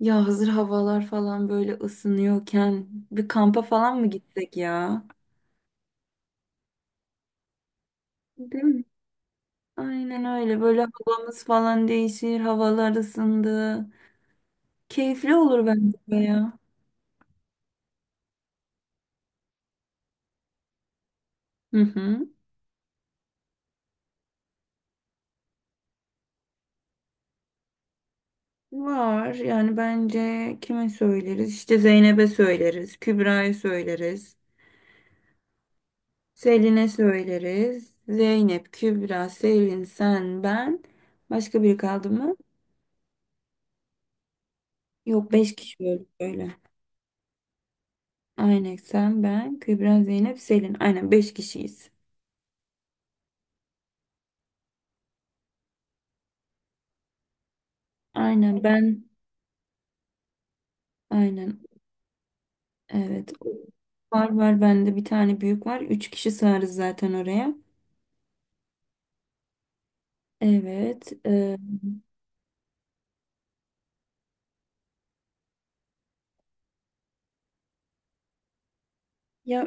Ya hazır havalar falan böyle ısınıyorken bir kampa falan mı gitsek ya? Değil mi? Aynen öyle. Böyle havamız falan değişir, havalar ısındı. Keyifli olur bence de ya. Hı hı. Var yani bence kime söyleriz? İşte Zeynep'e söyleriz, Kübra'ya söyleriz, Selin'e söyleriz. Zeynep, Kübra, Selin, sen, ben. Başka biri kaldı mı? Yok, beş kişi öyle. Aynen sen, ben, Kübra, Zeynep, Selin. Aynen beş kişiyiz. Aynen ben. Aynen. Evet. Var var bende bir tane büyük var. Üç kişi sığarız zaten oraya. Evet. Ya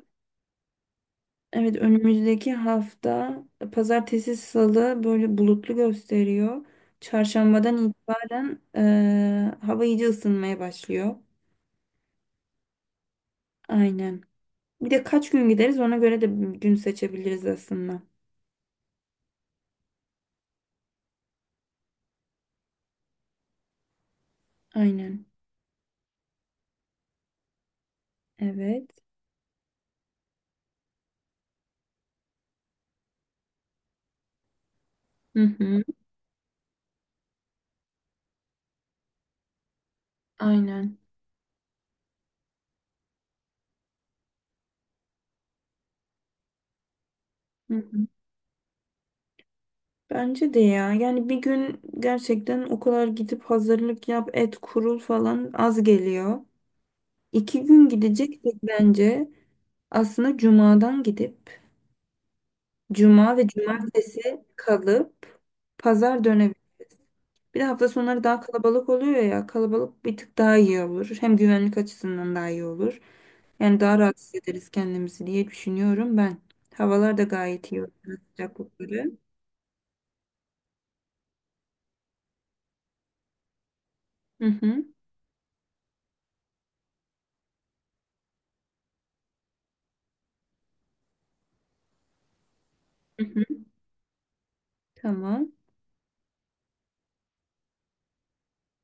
evet önümüzdeki hafta pazartesi salı böyle bulutlu gösteriyor. Çarşambadan itibaren hava iyice ısınmaya başlıyor. Aynen. Bir de kaç gün gideriz ona göre de gün seçebiliriz aslında. Aynen. Evet. Hı hı. Aynen. Hı hı. Bence de ya. Yani bir gün gerçekten o kadar gidip hazırlık yap, et kurul falan az geliyor. 2 gün gideceksek bence aslında cumadan gidip cuma ve cumartesi kalıp pazar dönemi. Bir de hafta sonları daha kalabalık oluyor ya. Kalabalık bir tık daha iyi olur. Hem güvenlik açısından daha iyi olur. Yani daha rahat hissederiz kendimizi diye düşünüyorum ben. Havalar da gayet iyi oluyor, sıcaklıkları. Hı hı. Hı hı. Tamam.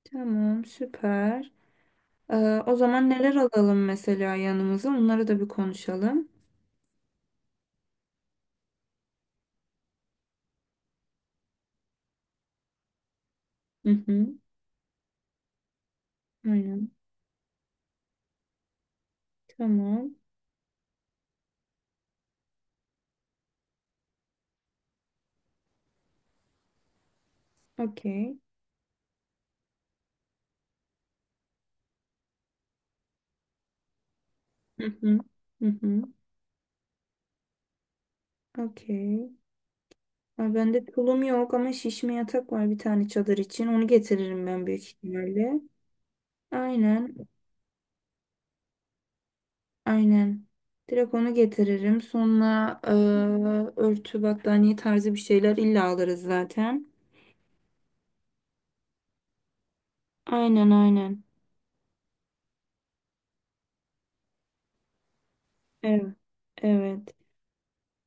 Tamam, süper. Ee, o zaman neler alalım mesela yanımıza? Onları da bir konuşalım. Hı hı. Aynen. Tamam. Okey. Hı hı. Hı hı. Okey. Ay, bende tulum yok ama şişme yatak var bir tane çadır için. Onu getiririm ben büyük ihtimalle. Aynen. Aynen. Direkt onu getiririm. Sonra örtü, battaniye tarzı bir şeyler illa alırız zaten. Aynen, aynen. Evet. Evet.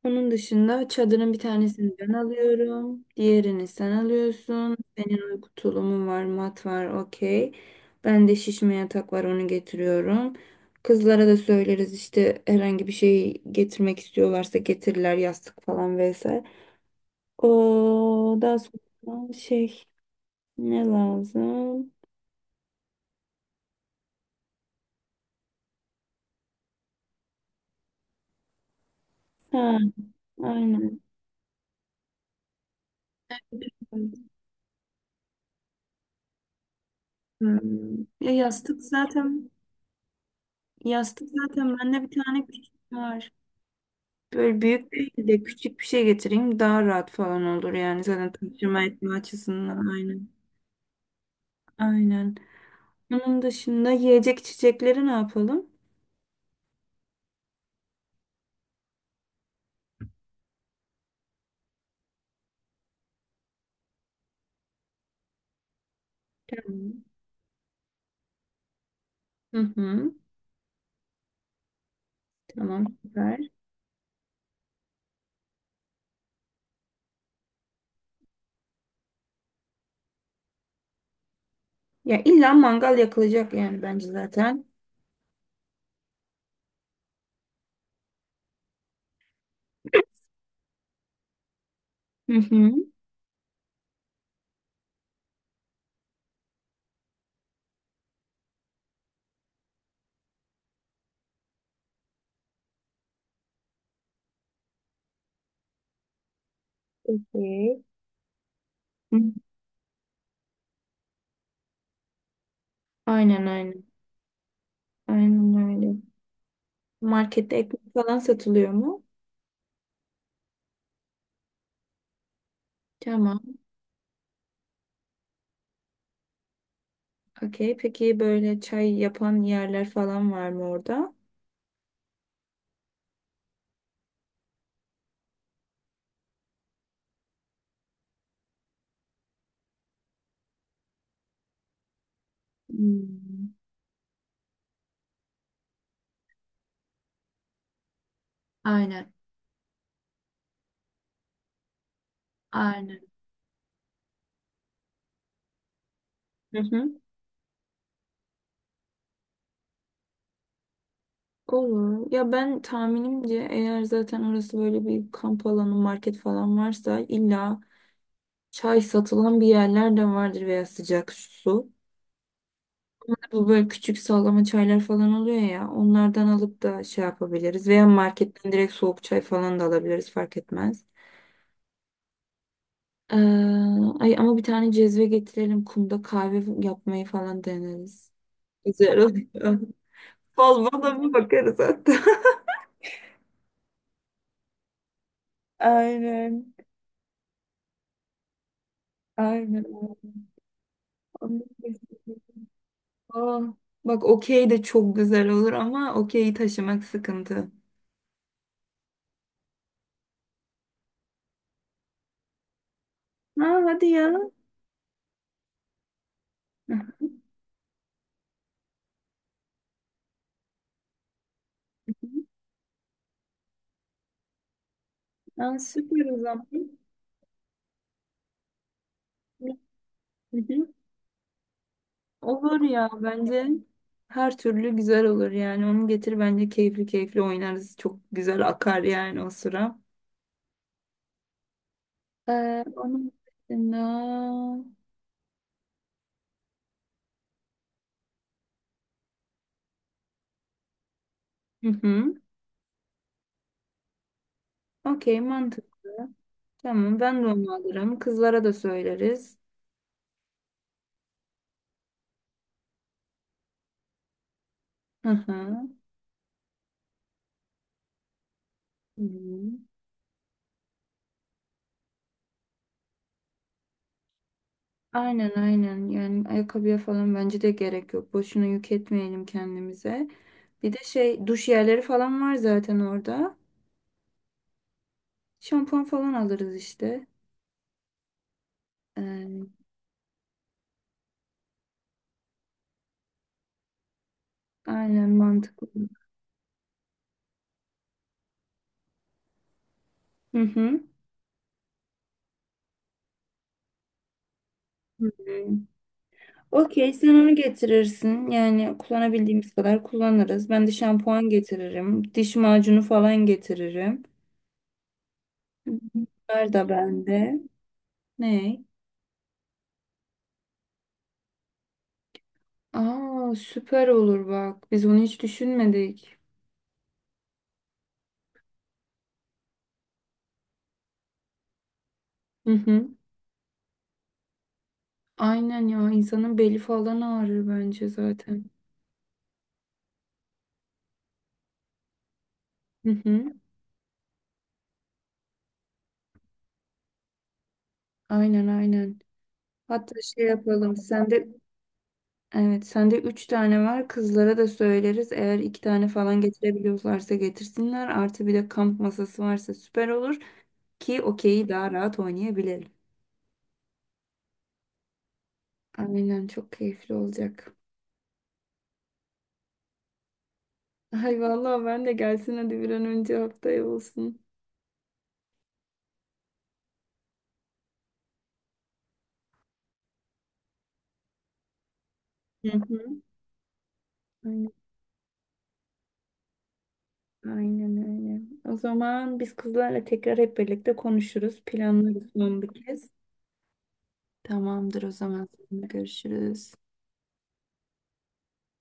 Onun dışında çadırın bir tanesini ben alıyorum. Diğerini sen alıyorsun. Senin uyku tulumun var, mat var, okey. Ben de şişme yatak var, onu getiriyorum. Kızlara da söyleriz işte herhangi bir şey getirmek istiyorlarsa getirirler yastık falan vesaire. O daha sonra şey ne lazım? Ha, aynen. Hmm. Ya yastık zaten bende bir tane küçük var. Böyle büyük değil de küçük bir şey getireyim daha rahat falan olur yani zaten taşıma etme açısından aynen. Aynen. Onun dışında yiyecek içecekleri ne yapalım? Tamam. Hı hı. Tamam süper. Ya illa mangal yakılacak yani bence zaten. Hı hı. Okey. Hı. Aynen, aynen. Aynen öyle. Markette ekmek falan satılıyor mu? Tamam. Okey. Peki böyle çay yapan yerler falan var mı orada? Hmm. Aynen. Aynen. Hı hı. Olur. Ya ben tahminimce eğer zaten orası böyle bir kamp alanı, market falan varsa illa çay satılan bir yerler de vardır veya sıcak su. Hani bu böyle küçük sallama çaylar falan oluyor ya onlardan alıp da şey yapabiliriz veya marketten direkt soğuk çay falan da alabiliriz fark etmez. Ee, ay ama bir tane cezve getirelim kumda kahve yapmayı falan deneriz. Güzel oluyor. Fal bana bir bakarız hatta. Aynen. Aynen. Aa, bak okey de çok güzel olur ama okeyi taşımak sıkıntı. Ha hadi ya. Ha, süper o zaman. Hı hı. Olur ya bence her türlü güzel olur yani onu getir bence keyifli keyifli oynarız çok güzel akar yani o sıra. Onun dışında... Hı hı. Okey mantıklı. Tamam ben de onu alırım kızlara da söyleriz. Hı hı. Hı hı. Aynen, aynen, yani ayakkabıya falan bence de gerek yok. Boşuna yük etmeyelim kendimize. Bir de şey duş yerleri falan var zaten orada. Şampuan falan alırız işte. Ee, aynen mantıklı. Hı hı. Hı hı. Okey sen onu getirirsin. Yani kullanabildiğimiz kadar kullanırız. Ben de şampuan getiririm. Diş macunu falan getiririm. Hı hı. Bunlar da bende. Ne? Aa süper olur bak. Biz onu hiç düşünmedik. Hı hı. Aynen ya insanın beli falan ağrır bence zaten. Hı hı. Aynen, aynen. Hatta şey yapalım. Evet, sende üç tane var. Kızlara da söyleriz. Eğer iki tane falan getirebiliyorlarsa getirsinler. Artı bir de kamp masası varsa süper olur ki okeyi daha rahat oynayabilelim. Aynen çok keyifli olacak. Ay vallahi ben de gelsin hadi bir an önce haftaya olsun. Hı hı. Aynen. Aynen öyle. O zaman biz kızlarla tekrar hep birlikte konuşuruz, planlarız son bir kez. Tamamdır o zaman. Sonra görüşürüz.